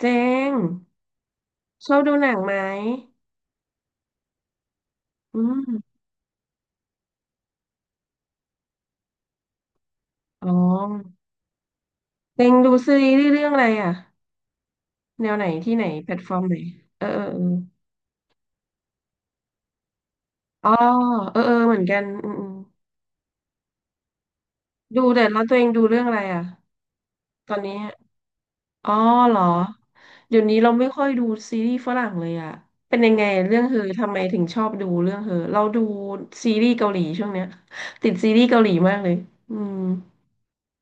เจงชอบดูหนังไหมอืมอ๋อเจงดูซีรีส์เรื่องอะไรอ่ะแนวไหนที่ไหนแพลตฟอร์มไหนเออเออเอออ๋อเออเออเหมือนกันอืมอืมดูแต่แล้วตัวเองดูเรื่องอะไรอ่ะตอนนี้อ๋อเหรอเดี๋ยวนี้เราไม่ค่อยดูซีรีส์ฝรั่งเลยอ่ะเป็นยังไงเรื่องเฮอทำไมถึงชอบดูเรื่องเฮอเราดูซีรีส์เกาหลีช่วงเนี้ยติดซีรีส์เกาหลีมากเลยอืม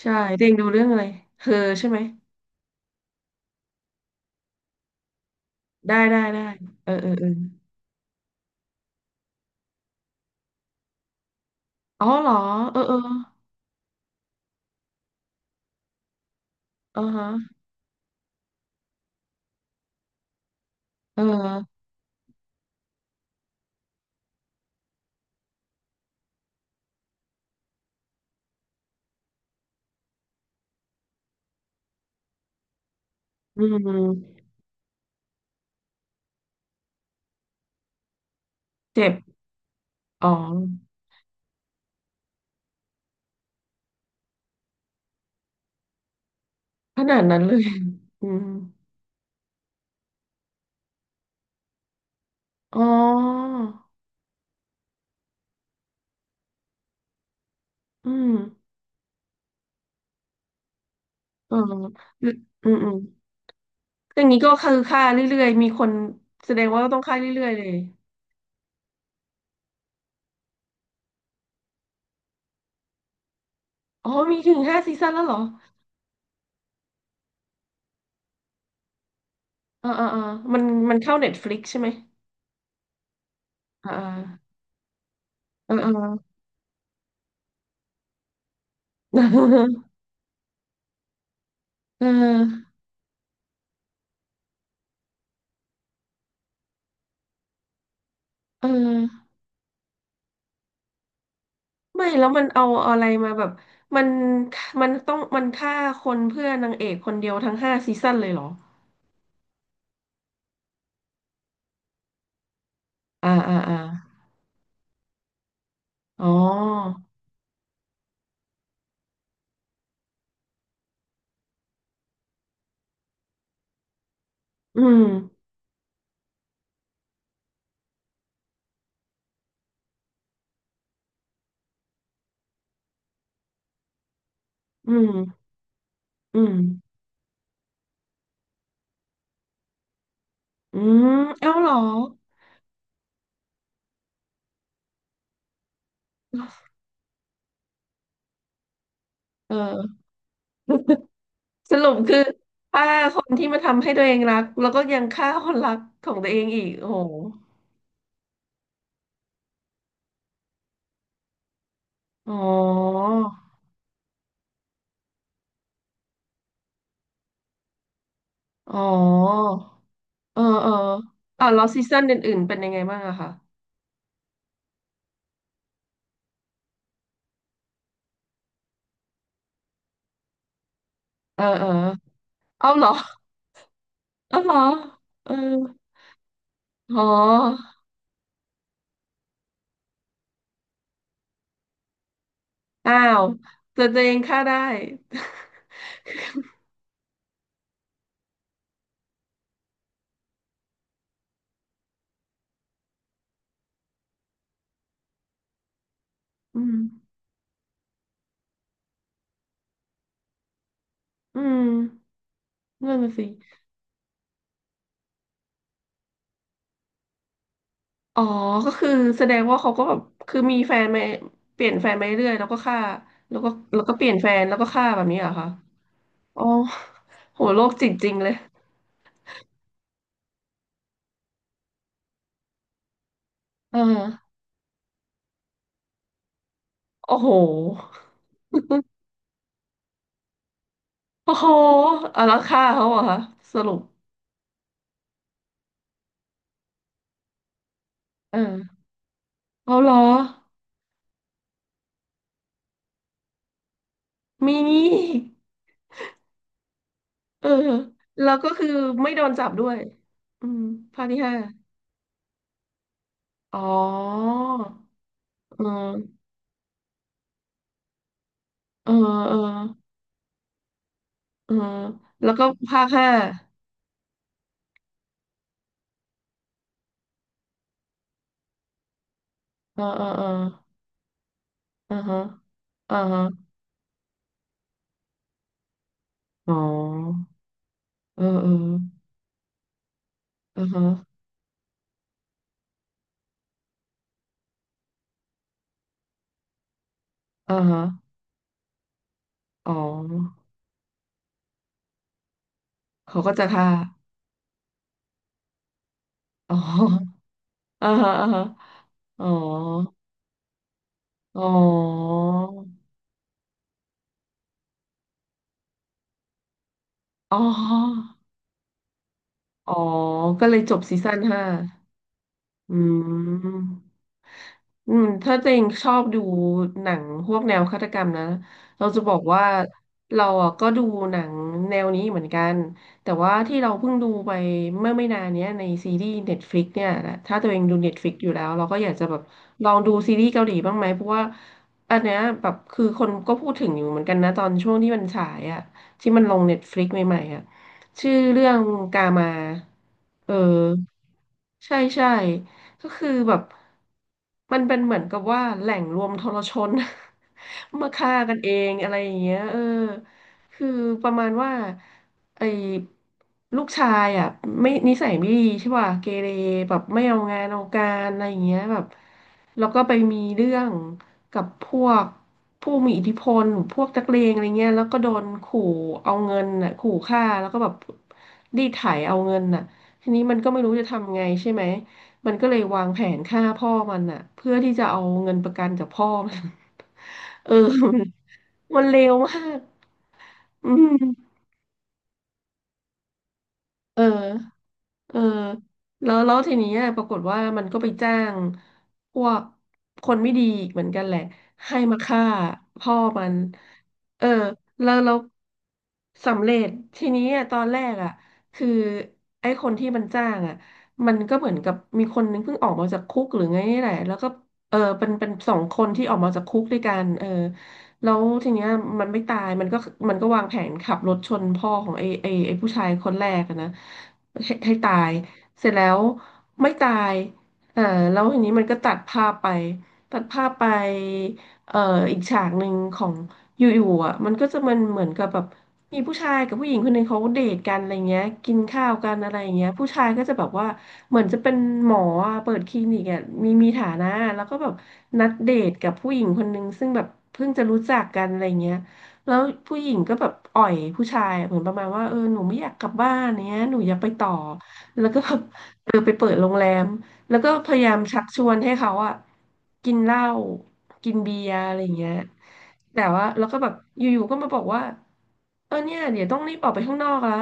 ใช่ตัวเองดูเรื่องอะไรเฮอใช่ไหมได้ได้ได้เออเออเออ อ๋อเหรอเออเอออ่าฮะเอออืมเจ็บอ๋อขนาดนั้นเลย อืมอ๋ออืมเอออืมอืมอมอย่างนี้ก็คือค่าเรื่อยๆมีคนแสดงว่าต้องค่าเรื่อยๆเลยอ๋อมีถึงห้าซีซั่นแล้วเหรอเออเออเออมันมันเข้าเน็ตฟลิกใช่ไหมอ่าอ่าเออเออ เออเออ ไม่แล้วมันเอาอะไรมาแบบมันมันต้องมันฆ่าคนเพื่อนางเอกคนเดียวทั้งห้าซีซั่นเลยเหรออ่าอ่าอ่าอ๋ออืมอืมอืมอืมเอ้าเหรอเออสรุปคือฆ่าคนที่มาทำให้ตัวเองรักแล้วก็ยังฆ่าคนรักของตัวเองอีกโอ้โหอ๋ออ๋อเออเอออ่าแล้วซีซั่นอื่นๆเป็นยังไงบ้างอะคะเออเออเอาเหรอเอาเหรอเออ อ๋ออ้าวแต่ตัวเองฆ่าได้ อืมอืมนั่นน่ะสิอ๋อก็คือแสดงว่าเขาก็แบบคือมีแฟนมาเปลี่ยนแฟนมาเรื่อยๆแล้วก็ฆ่าแล้วก็แล้วก็เปลี่ยนแฟนแล้วก็ฆ่าแบบนี้เหรอคะอ๋อโหโรคจิตจริงเลยเออโอ้โห โอ้โหเอาแล้วฆ่าเขาเหรอคะสรุปเออเอาเหรอมีงี้อีกเออแล้วก็คือไม่โดนจับด้วยอืมภาคที่ห้า อ๋อเออ เออ เออ เออแล้วก็ภาคห้าเออเออเอออ่าฮะอ่าฮะอ๋อเออเอออ่าฮะอ่าฮะอ๋อเขาก็จะฆ่าอ๋ออ่าฮะอ่าฮะอ๋ออ๋ออ๋ออ๋อก็เลยจบซีซั่นห้า อืมอืมถ้าตัวเองชอบดูหนังพวกแนวฆาตกรรมนะเราจะบอกว่าเราอ่ะก็ดูหนังแนวนี้เหมือนกันแต่ว่าที่เราเพิ่งดูไปเมื่อไม่นานเนี้ยในซีรีส์ Netflix เนี่ยนะถ้าตัวเองดู Netflix อยู่แล้วเราก็อยากจะแบบลองดูซีรีส์เกาหลีบ้างไหมเพราะว่าอันเนี้ยแบบคือคนก็พูดถึงอยู่เหมือนกันนะตอนช่วงที่มันฉายอ่ะที่มันลง Netflix ใหม่ๆอ่ะชื่อเรื่องกามาเออ ใช่ใช่ก็คือแบบมันเป็นเหมือนกับว่าแหล่งรวมทรชน มาฆ่ากันเองอะไรอย่างเงี้ยเออคือประมาณว่าไอ้ลูกชายอ่ะไม่นิสัยไม่ดีใช่ป่ะเกเรแบบไม่เอางานเอาการอะไรอย่างเงี้ยแบบแล้วก็ไปมีเรื่องกับพวกผู้มีอิทธิพลหรือพวกนักเลงอะไรเงี้ยแล้วก็โดนขู่เอาเงินน่ะขู่ฆ่าแล้วก็แบบรีดไถเอาเงินน่ะ ทีนี้มันก็ไม่รู้จะทำไงใช่ไหม มันก็เลยวางแผนฆ่าพ่อมันอะเพื่อที่จะเอาเงินประกันจากพ่อมัน เออมันเลวมากอืมเออ เออแล้วแล้วทีนี้ปรากฏว่ามันก็ไปจ้างพวกคนไม่ดีอีกเหมือนกันแหละให้มาฆ่าพ่อมันเออแล้วแล้วสำเร็จทีนี้อะตอนแรกอ่ะคือไอ้คนที่มันจ้างอ่ะมันก็เหมือนกับมีคนนึงเพิ่งออกมาจากคุกหรือไงนี่แหละแล้วก็เออเป็นสองคนที่ออกมาจากคุกด้วยกันเออแล้วทีเนี้ยมันไม่ตายมันก็มันก็วางแผนขับรถชนพ่อของไอ้ผู้ชายคนแรกอะนะ ให้ให้ตายเสร็จแล้วไม่ตายเออแล้วทีนี้มันก็ตัดภาพไปตัดภาพไปเอ่ออีกฉากหนึ่งของอยู่ๆอ่ะมันก็จะมันเหมือนกับแบบมีผู้ชายกับผู้หญิงคนหนึ่งเขาเดทกันอะไรเงี้ยกินข้าวกันอะไรอย่างเงี้ยผู้ชายก็จะแบบว่าเหมือนจะเป็นหมออ่ะเปิดคลินิกอ่ะมีมีฐานะแล้วก็แบบนัดเดทกับผู้หญิงคนหนึ่งซึ่งแบบเพิ่งจะรู้จักกันอะไรเงี้ย แล้วผู้หญิงก็แบบอ่อยผู้ชายเหมือนประมาณว่าเออหนูไม่อยากกลับบ้านเนี้ยหนูอยากไปต่อแล้วก็แบบเออไปเปิดโรงแรมแล้วก็พยายามชักชวนให้เขาอะกินเหล้ากินเบียร์อะไรอย่างเงี้ยแต่ว่าแล้วก็แบบอยู่ๆก็มาบอกว่าเออเนี่ยเดี๋ยวต้องรีบออกไปข้างนอกละ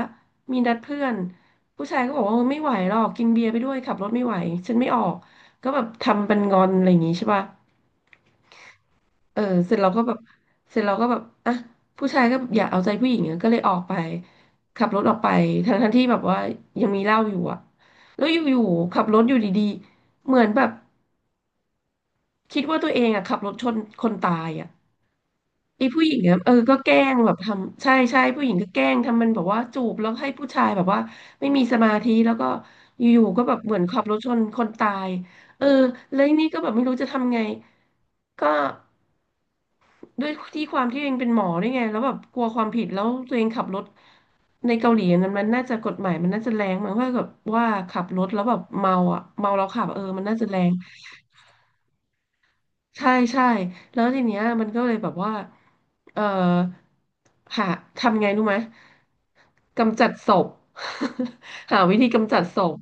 มีนัดเพื่อนผู้ชายก็บอกว่าเออไม่ไหวหรอกกินเบียร์ไปด้วยขับรถไม่ไหวฉันไม่ออกก็แบบทำเป็นงอนอะไรอย่างงี้ใช่ป่ะ เออเสร็จเราก็แบบเสร็จเราก็แบบอ่ะผู้ชายก็อยากเอาใจผู้หญิงอะก็เลยออกไปขับรถออกไปทั้งที่แบบว่ายังมีเหล้าอยู่อ่ะแล้วอยู่ๆขับรถอยู่ดีๆเหมือนแบบคิดว่าตัวเองอ่ะขับรถชนคนตายอ่ะไอ้ผู้หญิงอ่ะเออก็แกล้งแบบทำใช่ใช่ผู้หญิงก็แกล้งทำมันแบบว่าจูบแล้วให้ผู้ชายแบบว่าไม่มีสมาธิแล้วก็อยู่ๆก็แบบเหมือนขับรถชนคนตายเออแล้วนี่ก็แบบไม่รู้จะทำไงก็ ด้วยที่ความที่เองเป็นหมอด้วยไงแล้วแบบกลัวความผิดแล้วตัวเองขับรถในเกาหลีนั้นมันน่าจะกฎหมายมันน่าจะแรงมั้งว่าแบบดว่าขับรถแล้วแบบเมาอ่ะเมาแล้วขับเออมันน่าจะแรงใช่ใช่แล้วทีเนี้ยมันก็เลยแบบว่าเออหาทำไงรู้ไหมกำจัดศพ หาวิธีกำจัดศพ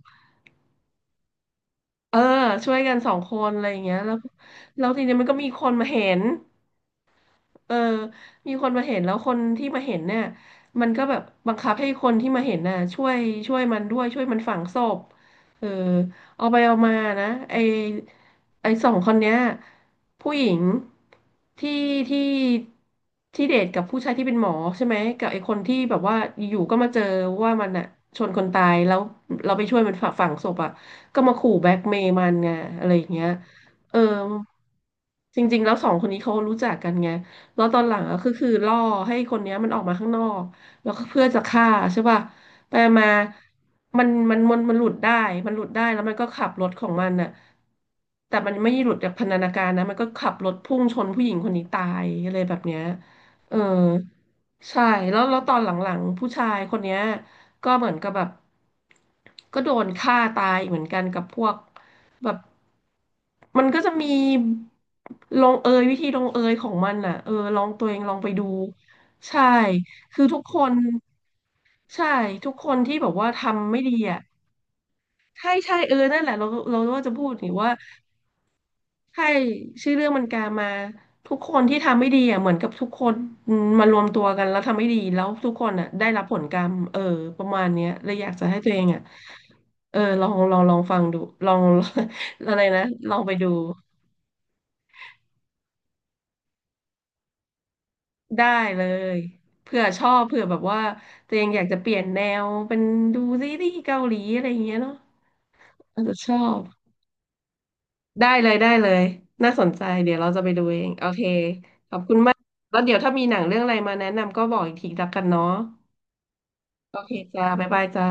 เออช่วยกันสองคนอะไรอย่างเงี้ยแล้วแล้วทีเนี้ยมันก็มีคนมาเห็น เออ มีคนมาเห็นแล้วคนที่มาเห็นเนี่ยมันก็แบบบังคับให้คนที่มาเห็นน่ะช่วยมันด้วยช่วยมันฝังศพเออเอาไปเอามานะไอสองคนเนี้ยผู้หญิงที่ที่ที่เดทกับผู้ชายที่เป็นหมอใช่ไหมกับไอคนที่แบบว่าอยู่ๆก็มาเจอว่ามันอ่ะชนคนตายแล้วเราไปช่วยมันฝังศพอ่ะก็มาขู่แบล็กเมย์มันไงอะไรอย่างเงี้ยเออจริงๆแล้วสองคนนี้เขารู้จักกันไง แล้วตอนหลังอะคือล่อให้คนเนี้ยมันออกมาข้างนอกแล้วก็เพื่อจะฆ่าใช่ป่ะไปมามันหลุดได้มันหลุดได้แล้วมันก็ขับรถของมันน่ะแต่มันไม่หลุดจากพันธนาการนะมันก็ขับรถพุ่งชนผู้หญิงคนนี้ตายอะไรแบบเนี้ยเออใช่แล้วแล้วตอนหลังๆผู้ชายคนเนี้ย ก็เหมือนกับแบบก็โดนฆ่าตายเหมือนกันกับพวกแบบมันก็จะมีลงเอยวิธีลงเอยของมันน่ะเออลองตัวเองลองไปดูใช่คือทุกคนใช่ทุกคนที่แบบว่าทำไม่ดีอ่ะใช่ใช่เออนั่นแหละเราว่าจะพูดหรือว่า ใช่ชื่อเรื่องมันกามาทุกคนที่ทำไม่ดีอ่ะเหมือนกับทุกคนอืมมารวมตัวกันแล้วทำไม่ดีแล้วทุกคนอ่ะได้รับผลกรรมเออประมาณเนี้ยเลยอยากจะให้ตัวเองอ่ะเออลองฟังดูลอง อะไรนะลองไปดูได้เลยเผื่อชอบเผื่อแบบว่าตัวเองอยากจะเปลี่ยนแนวเป็นดูซีรีส์เกาหลีอะไรอย่างเงี้ยเนาะอาจจะชอบ ได้เลยได้เลยน่าสนใจเดี๋ยวเราจะไปดูเองโอเคขอบคุณมากแล้วเดี๋ยวถ้ามีหนังเรื่องอะไรมาแนะนำก็บอกอีกทีละกันเนาะโอเคจ้าบ๊ายบายจ้า